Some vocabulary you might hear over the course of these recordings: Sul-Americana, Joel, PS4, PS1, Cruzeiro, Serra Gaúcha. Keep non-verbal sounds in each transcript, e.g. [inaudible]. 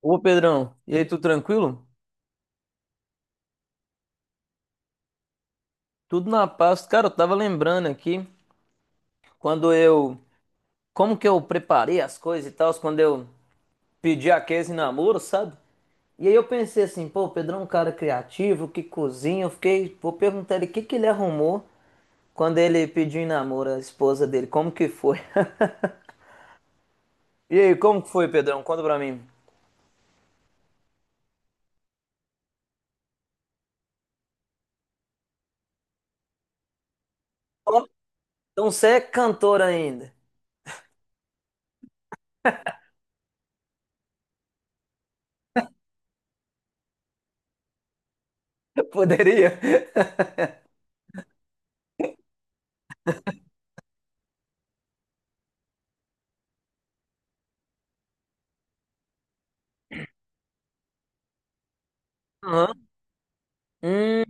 Ô Pedrão, e aí, tudo tranquilo? Tudo na paz. Cara, eu tava lembrando aqui quando eu. Como que eu preparei as coisas e tal, quando eu pedi a Casey em namoro, sabe? E aí eu pensei assim, pô, o Pedrão é um cara criativo, que cozinha. Eu fiquei. Vou perguntar ele o que que ele arrumou quando ele pediu em namoro a esposa dele. Como que foi? [laughs] E aí, como que foi, Pedrão? Conta pra mim. Ó, então você é cantor ainda? [laughs] Poderia? Aham. Hum,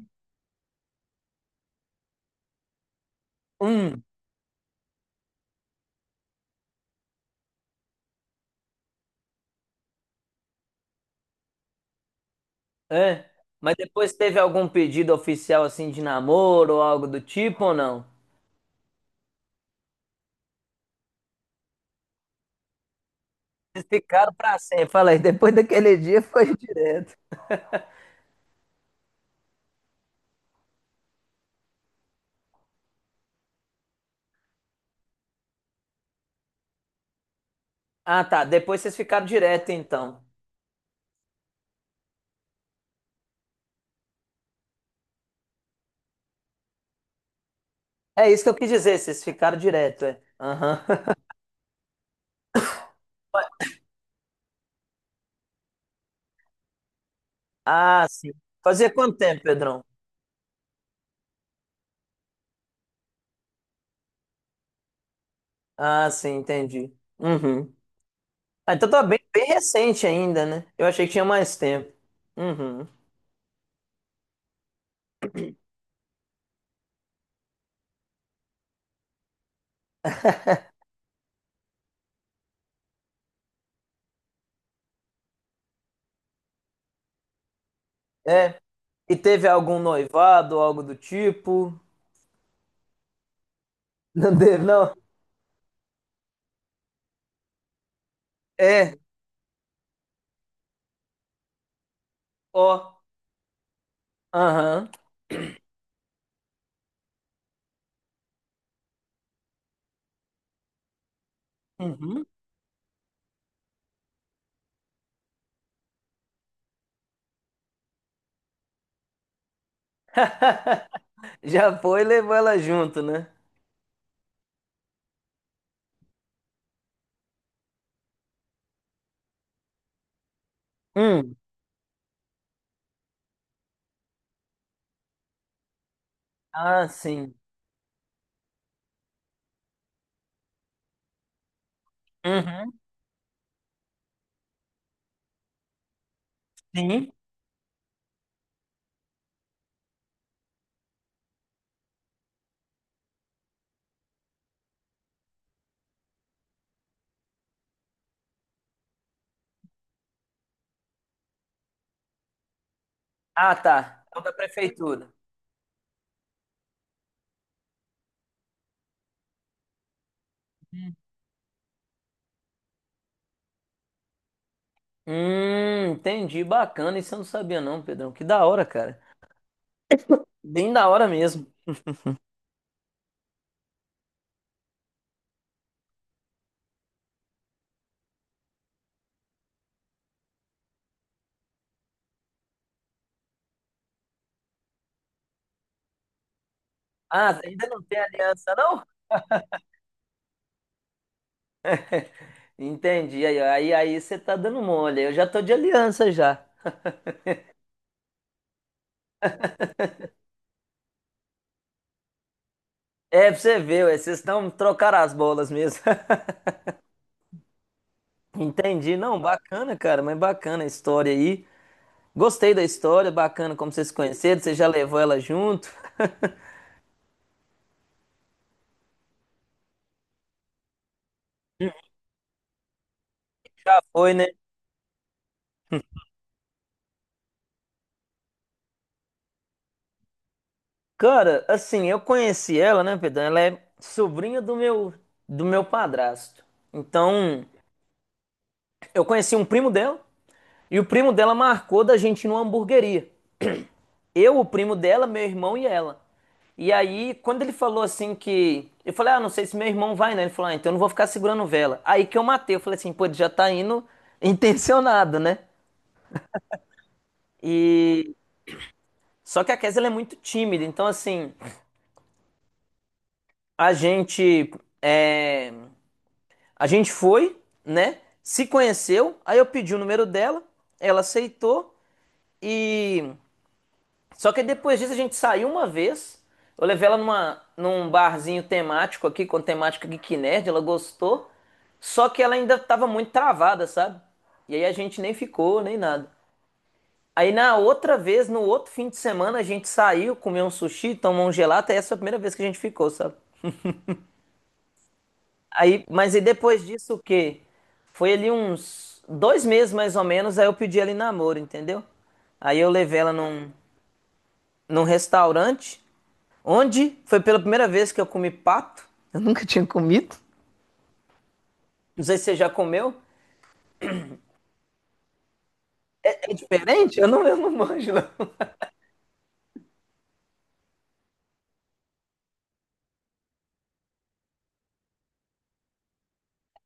hum. É? Mas depois teve algum pedido oficial assim de namoro ou algo do tipo ou não? Vocês ficaram pra sempre. Falei, depois daquele dia foi [laughs] direto. Ah, tá. Depois vocês ficaram direto, então. É isso que eu quis dizer, vocês ficaram direto, é. Aham. [laughs] Ah, sim. Fazia quanto tempo, Pedrão? Ah, sim, entendi. Uhum. Ah, então tá bem recente ainda, né? Eu achei que tinha mais tempo. Uhum. É. E teve algum noivado algo do tipo? Não teve, não? É. Ó. Aham. Uhum. [laughs] Já foi e levou ela junto, né? Hum. Ah, sim. Uhum. Sim. Ah, tá. É o da prefeitura. Hum, Hum, entendi. Bacana. Isso eu não sabia, não, Pedrão. Que da hora, cara. Bem da hora mesmo. Ah, ainda não tem aliança, não? Entendi. Aí você tá dando mole. Eu já tô de aliança já. É, pra você ver, ué, vocês estão trocar as bolas mesmo. [laughs] Entendi. Não, bacana, cara, mas bacana a história aí. Gostei da história, bacana como vocês se conheceram, você já levou ela junto? Foi, né? Cara, assim, eu conheci ela, né, Pedro? Ela é sobrinha do meu padrasto. Então, eu conheci um primo dela e o primo dela marcou da gente ir numa hamburgueria. Eu, o primo dela, meu irmão e ela. E aí, quando ele falou assim que. Eu falei, ah, não sei se meu irmão vai, né? Ele falou, ah, então eu não vou ficar segurando vela. Aí que eu matei, eu falei assim, pô, ele já tá indo [laughs] intencionado, né? E Só que a Kes, ela é muito tímida, então assim, a gente é, a gente foi, né? Se conheceu, aí eu pedi o número dela, ela aceitou e só que depois disso a gente saiu uma vez. Eu levei ela num barzinho temático aqui, com temática Geek Nerd, ela gostou. Só que ela ainda tava muito travada, sabe? E aí a gente nem ficou, nem nada. Aí na outra vez, no outro fim de semana, a gente saiu, comeu um sushi, tomou um gelato, e essa foi a primeira vez que a gente ficou, sabe? Aí, mas e depois disso o quê? Foi ali uns dois meses mais ou menos, aí eu pedi ela em namoro, entendeu? Aí eu levei ela num restaurante, onde foi pela primeira vez que eu comi pato. Eu não Mito? Não sei se você já comeu. É diferente? Eu não manjo, não. [laughs]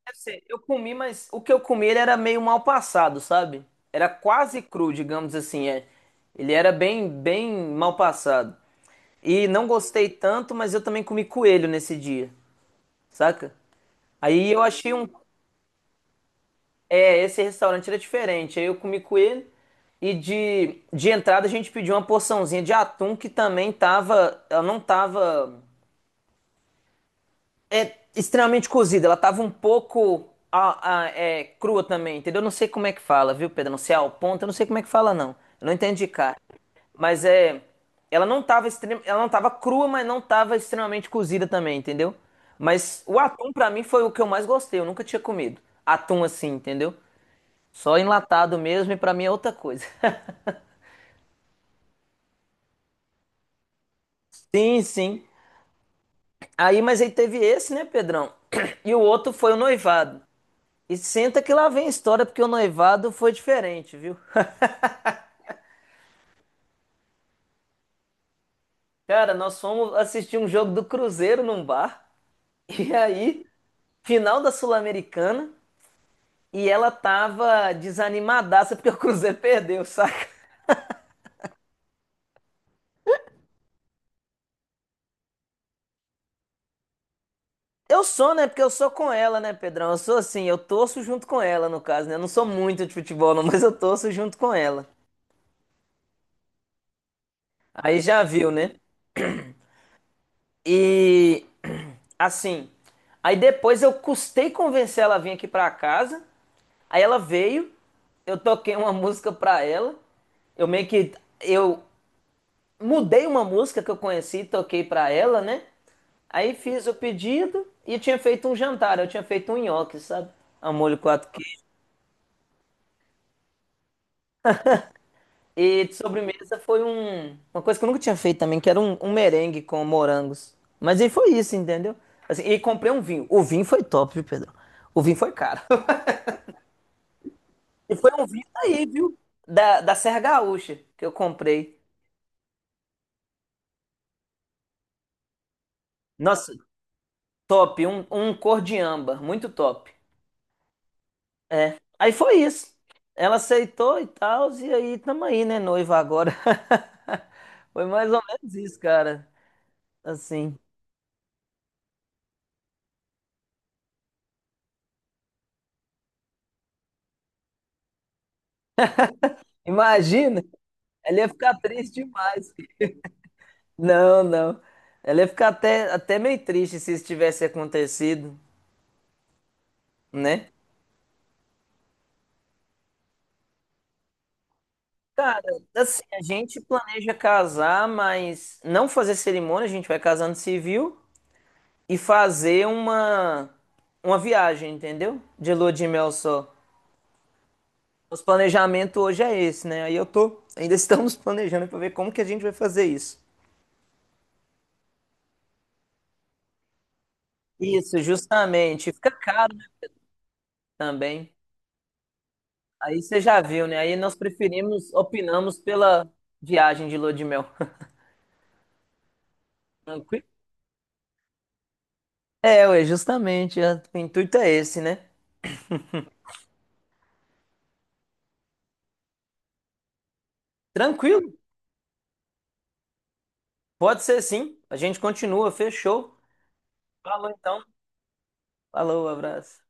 Deve ser, eu comi, mas o que eu comi ele era meio mal passado, sabe? Era quase cru, digamos assim. É. Ele era bem mal passado. E não gostei tanto, mas eu também comi coelho nesse dia, saca? Aí eu achei um. É, esse restaurante era diferente. Aí eu comi com ele. E de entrada a gente pediu uma porçãozinha de atum que também tava. Ela não tava. É extremamente cozida. Ela tava um pouco. A- é, crua também, entendeu? Eu Não sei como é que fala, viu, Pedro? Não sei ao ponto, eu não sei como é que fala, não. Eu não entendi, cara. Mas é. Ela não tava crua, mas não tava extremamente cozida também, entendeu? Mas o atum pra mim foi o que eu mais gostei, eu nunca tinha comido. Atum assim, entendeu? Só enlatado mesmo e pra mim é outra coisa. [laughs] Sim, sim. Aí, mas aí teve esse, né, Pedrão? [clears throat] E o outro foi o noivado. E senta que lá vem a história, porque o noivado foi diferente, viu? [laughs] Cara, nós fomos assistir um jogo do Cruzeiro num bar. [laughs] E aí, final da Sul-Americana. E ela tava desanimadaça porque o Cruzeiro perdeu, [laughs] saca? Eu sou, né? Porque eu sou com ela, né, Pedrão? Eu sou assim, eu torço junto com ela, no caso, né? Eu não, sou muito de futebol, não, [laughs] mas eu torço junto com ela. Aí já viu, né? E assim, aí depois eu custei convencer ela a vir aqui pra casa. Aí ela veio, eu toquei uma música pra ela. Eu meio que eu mudei uma música que eu conheci, toquei pra ela, né? Aí fiz o pedido e tinha feito um jantar, eu tinha feito um nhoque, sabe? A molho quatro. E de sobremesa foi uma coisa que eu nunca tinha feito também, que era um merengue com morangos. Mas aí foi isso, entendeu? Assim, e comprei um vinho. O vinho foi top, viu, Pedro? O vinho foi caro. [laughs] E foi um vinho daí, viu? Da Serra Gaúcha, que eu comprei. Nossa, top. Um cor de âmbar, muito top. É. Aí foi isso. Ela aceitou e tal, e aí tamo aí, né, noiva agora. [laughs] Foi mais ou menos isso, cara. Assim, imagina, ela ia ficar triste demais. Não, não. Ela ia ficar até meio triste se isso tivesse acontecido, né? Cara, assim, a gente planeja casar, mas não fazer cerimônia, a gente vai casando civil e fazer uma viagem, entendeu? De lua de mel só. Os planejamento hoje é esse, né? Aí eu tô, ainda estamos [laughs] planejando pra ver como que a gente vai fazer isso. Isso, justamente. Fica caro, né, também. Aí você já viu, né? Aí nós preferimos, opinamos pela viagem de lua de mel. Tranquilo? É, ué, justamente, é, o intuito é esse, né? Tranquilo? Pode ser sim. A gente continua, fechou. Falou então. Falou, abraço.